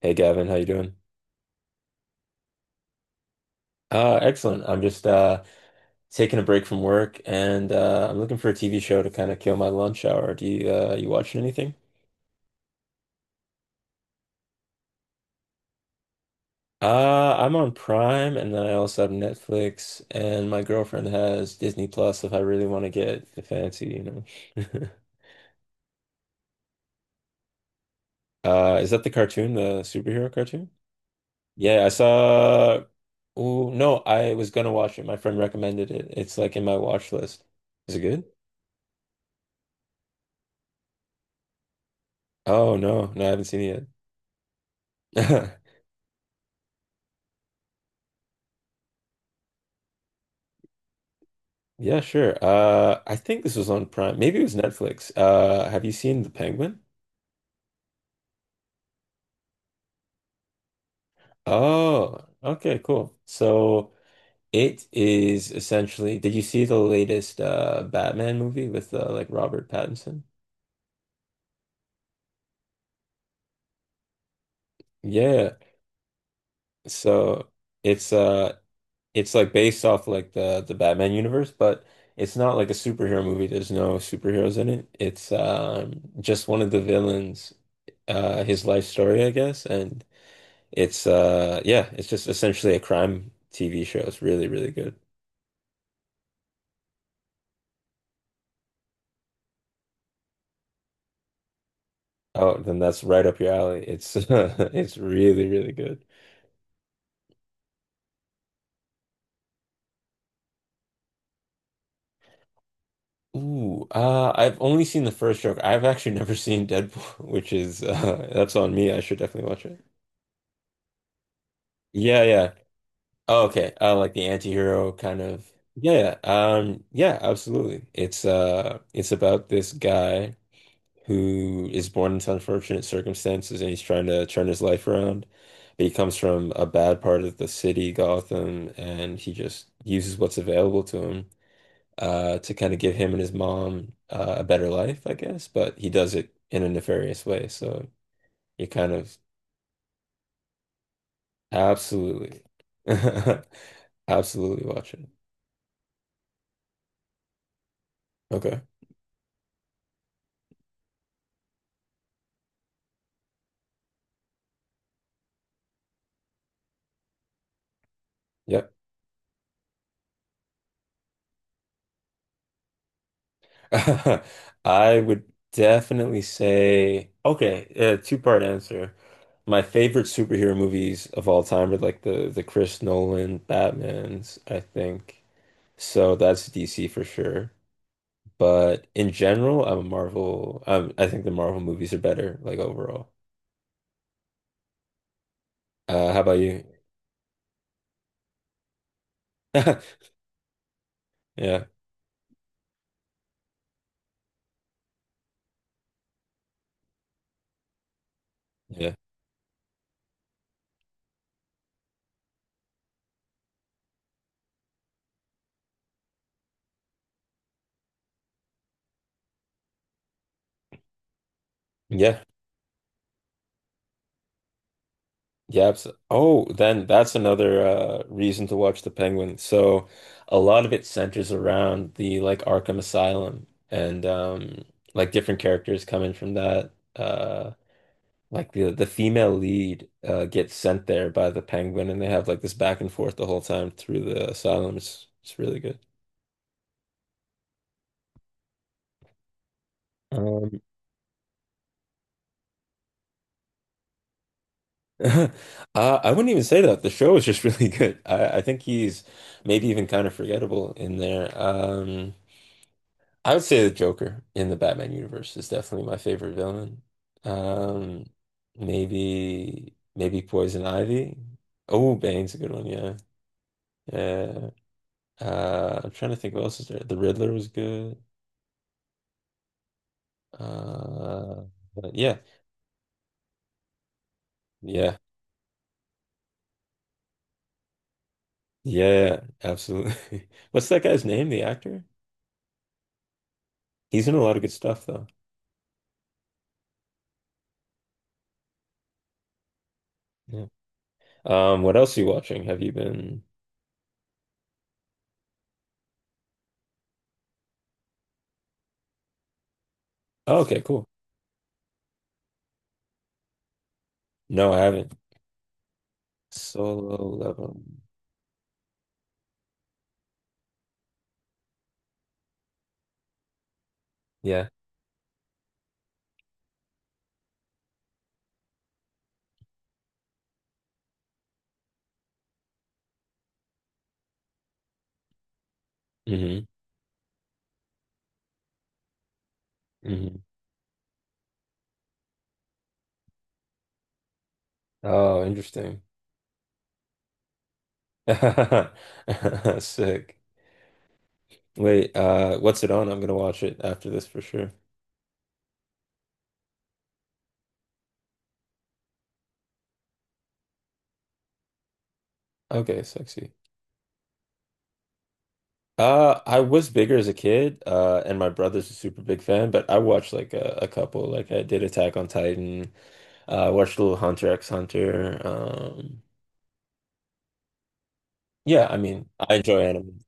Hey Gavin, how you doing? Excellent. I'm just Taking a break from work and I'm looking for a TV show to kind of kill my lunch hour. Do you you watching anything? I'm on Prime and then I also have Netflix and my girlfriend has Disney Plus if I really want to get fancy, Is that the cartoon, the superhero cartoon? Yeah, I saw. Oh no, I was gonna watch it. My friend recommended it. It's like in my watch list. Is it good? Oh no, no, I haven't seen it yet. Yeah, sure. I think this was on Prime. Maybe it was Netflix. Have you seen The Penguin? Oh, okay, cool. So it is essentially, did you see the latest Batman movie with like Robert Pattinson? Yeah. So it's uh it's like based off like the Batman universe, but it's not like a superhero movie. There's no superheroes in it. It's just one of the villains, his life story, I guess, and it's just essentially a crime TV show. It's really, really good. Oh, then that's right up your alley. It's it's really, really good. I've only seen the first joke. I've actually never seen Deadpool, which is that's on me. I should definitely watch it. Yeah, yeah. Oh, okay. Like the anti-hero kind of. Yeah, yeah. Yeah, absolutely. It's about this guy who is born into unfortunate circumstances and he's trying to turn his life around. But he comes from a bad part of the city, Gotham, and he just uses what's available to him to kind of give him and his mom a better life, I guess. But he does it in a nefarious way. So you kind of absolutely, absolutely watch it. Okay. Yep. I would definitely say, okay, two-part answer. My favorite superhero movies of all time are like the Chris Nolan Batmans, I think. So that's DC for sure. But in general, I'm a Marvel. I think the Marvel movies are better, like overall. How about you? Yeah, yeah, yeah. Oh, then that's another reason to watch The Penguin. So a lot of it centers around the like Arkham Asylum and like different characters coming from that. Like the female lead gets sent there by the Penguin and they have like this back and forth the whole time through the asylum. It's really good. Um uh, I wouldn't even say that. The show is just really good. I think he's maybe even kind of forgettable in there. I would say the Joker in the Batman universe is definitely my favorite villain. Um, maybe Poison Ivy. Oh, Bane's a good one, yeah. Yeah. I'm trying to think what else is there. The Riddler was good. Uh, but yeah, yeah, yeah, absolutely. What's that guy's name, the actor? He's in a lot of good stuff though. Yeah. What else are you watching? Have you been? Oh, okay, cool. No, I haven't. Solo Leveling. Yeah. hmm hmm Oh, interesting. Sick. Wait, what's it on? I'm gonna watch it after this for sure. Okay, sexy. I was bigger as a kid, and my brother's a super big fan, but I watched like a couple. Like I did Attack on Titan, watched a little Hunter x Hunter. Yeah, I mean, I enjoy anime.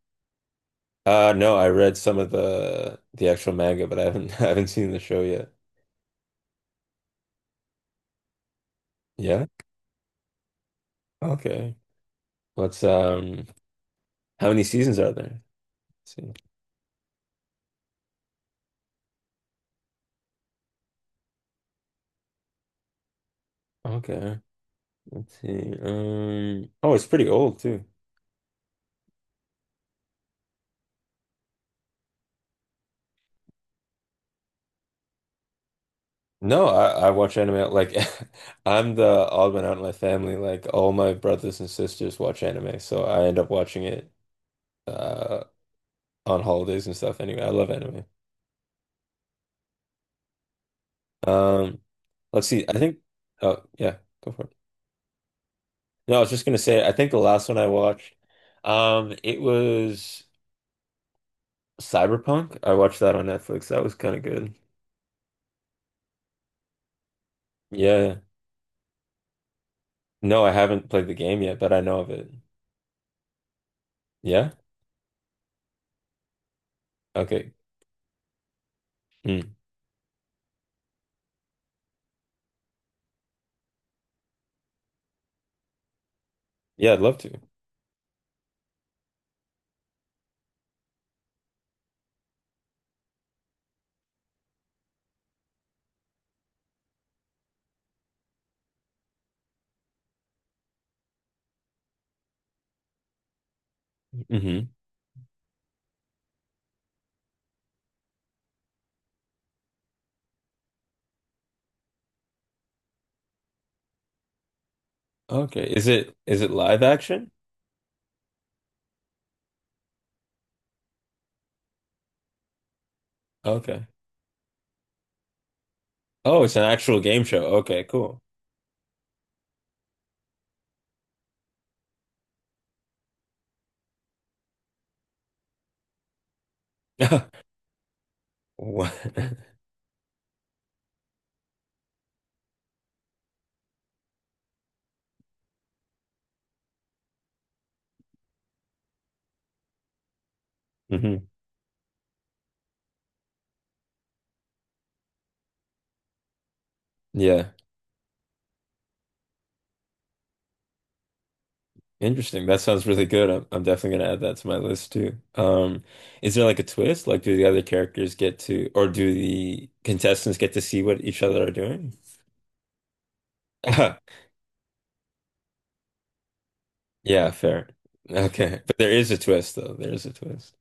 No, I read some of the actual manga, but I haven't I haven't seen the show yet. Yeah? Okay. What's How many seasons are there? Let's see. Okay. Let's see. Oh, it's pretty old too. No, I watch anime like I'm the odd one out in my family. Like all my brothers and sisters watch anime, so I end up watching it uh on holidays and stuff anyway. I love anime. Um, let's see. I think oh yeah, go for it. No, I was just gonna say I think the last one I watched, it was Cyberpunk. I watched that on Netflix. That was kind of good. Yeah. No, I haven't played the game yet, but I know of it. Yeah? Okay. Hmm. Yeah, I'd love to. Hmm Okay. Is it live action? Okay. Oh, it's an actual game show. Okay, cool. What? Hmm Yeah. Interesting. That sounds really good. I'm definitely gonna add that to my list too. Is there like a twist? Like, do the other characters get to, or do the contestants get to see what each other are doing? Yeah, fair. Okay. But there is a twist though. There is a twist.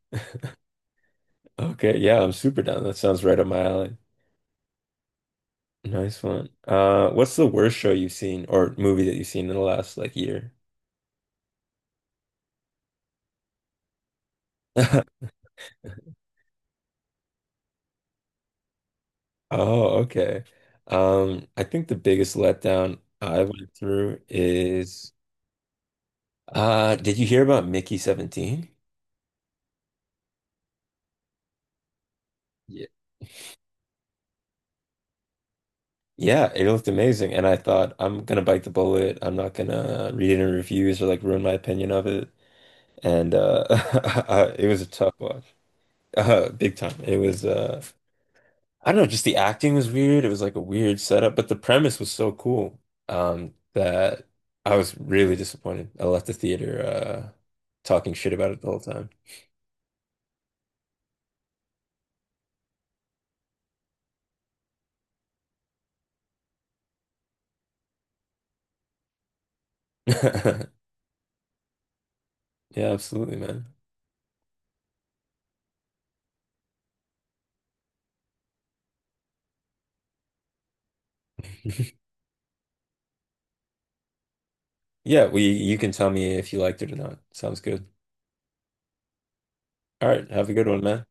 Okay. Yeah, I'm super down. That sounds right up my alley. Nice one. What's the worst show you've seen or movie that you've seen in the last like year? Oh, okay. I think the biggest letdown I went through is did you hear about Mickey 17? Yeah. Yeah, it looked amazing and I thought I'm gonna bite the bullet. I'm not gonna read any reviews or like ruin my opinion of it. And it was a tough watch. Big time. It was I don't know, just the acting was weird. It was like a weird setup, but the premise was so cool that I was really disappointed. I left the theater talking shit about it the whole time. Yeah, absolutely, man. Yeah, we you can tell me if you liked it or not. Sounds good. All right, have a good one, man.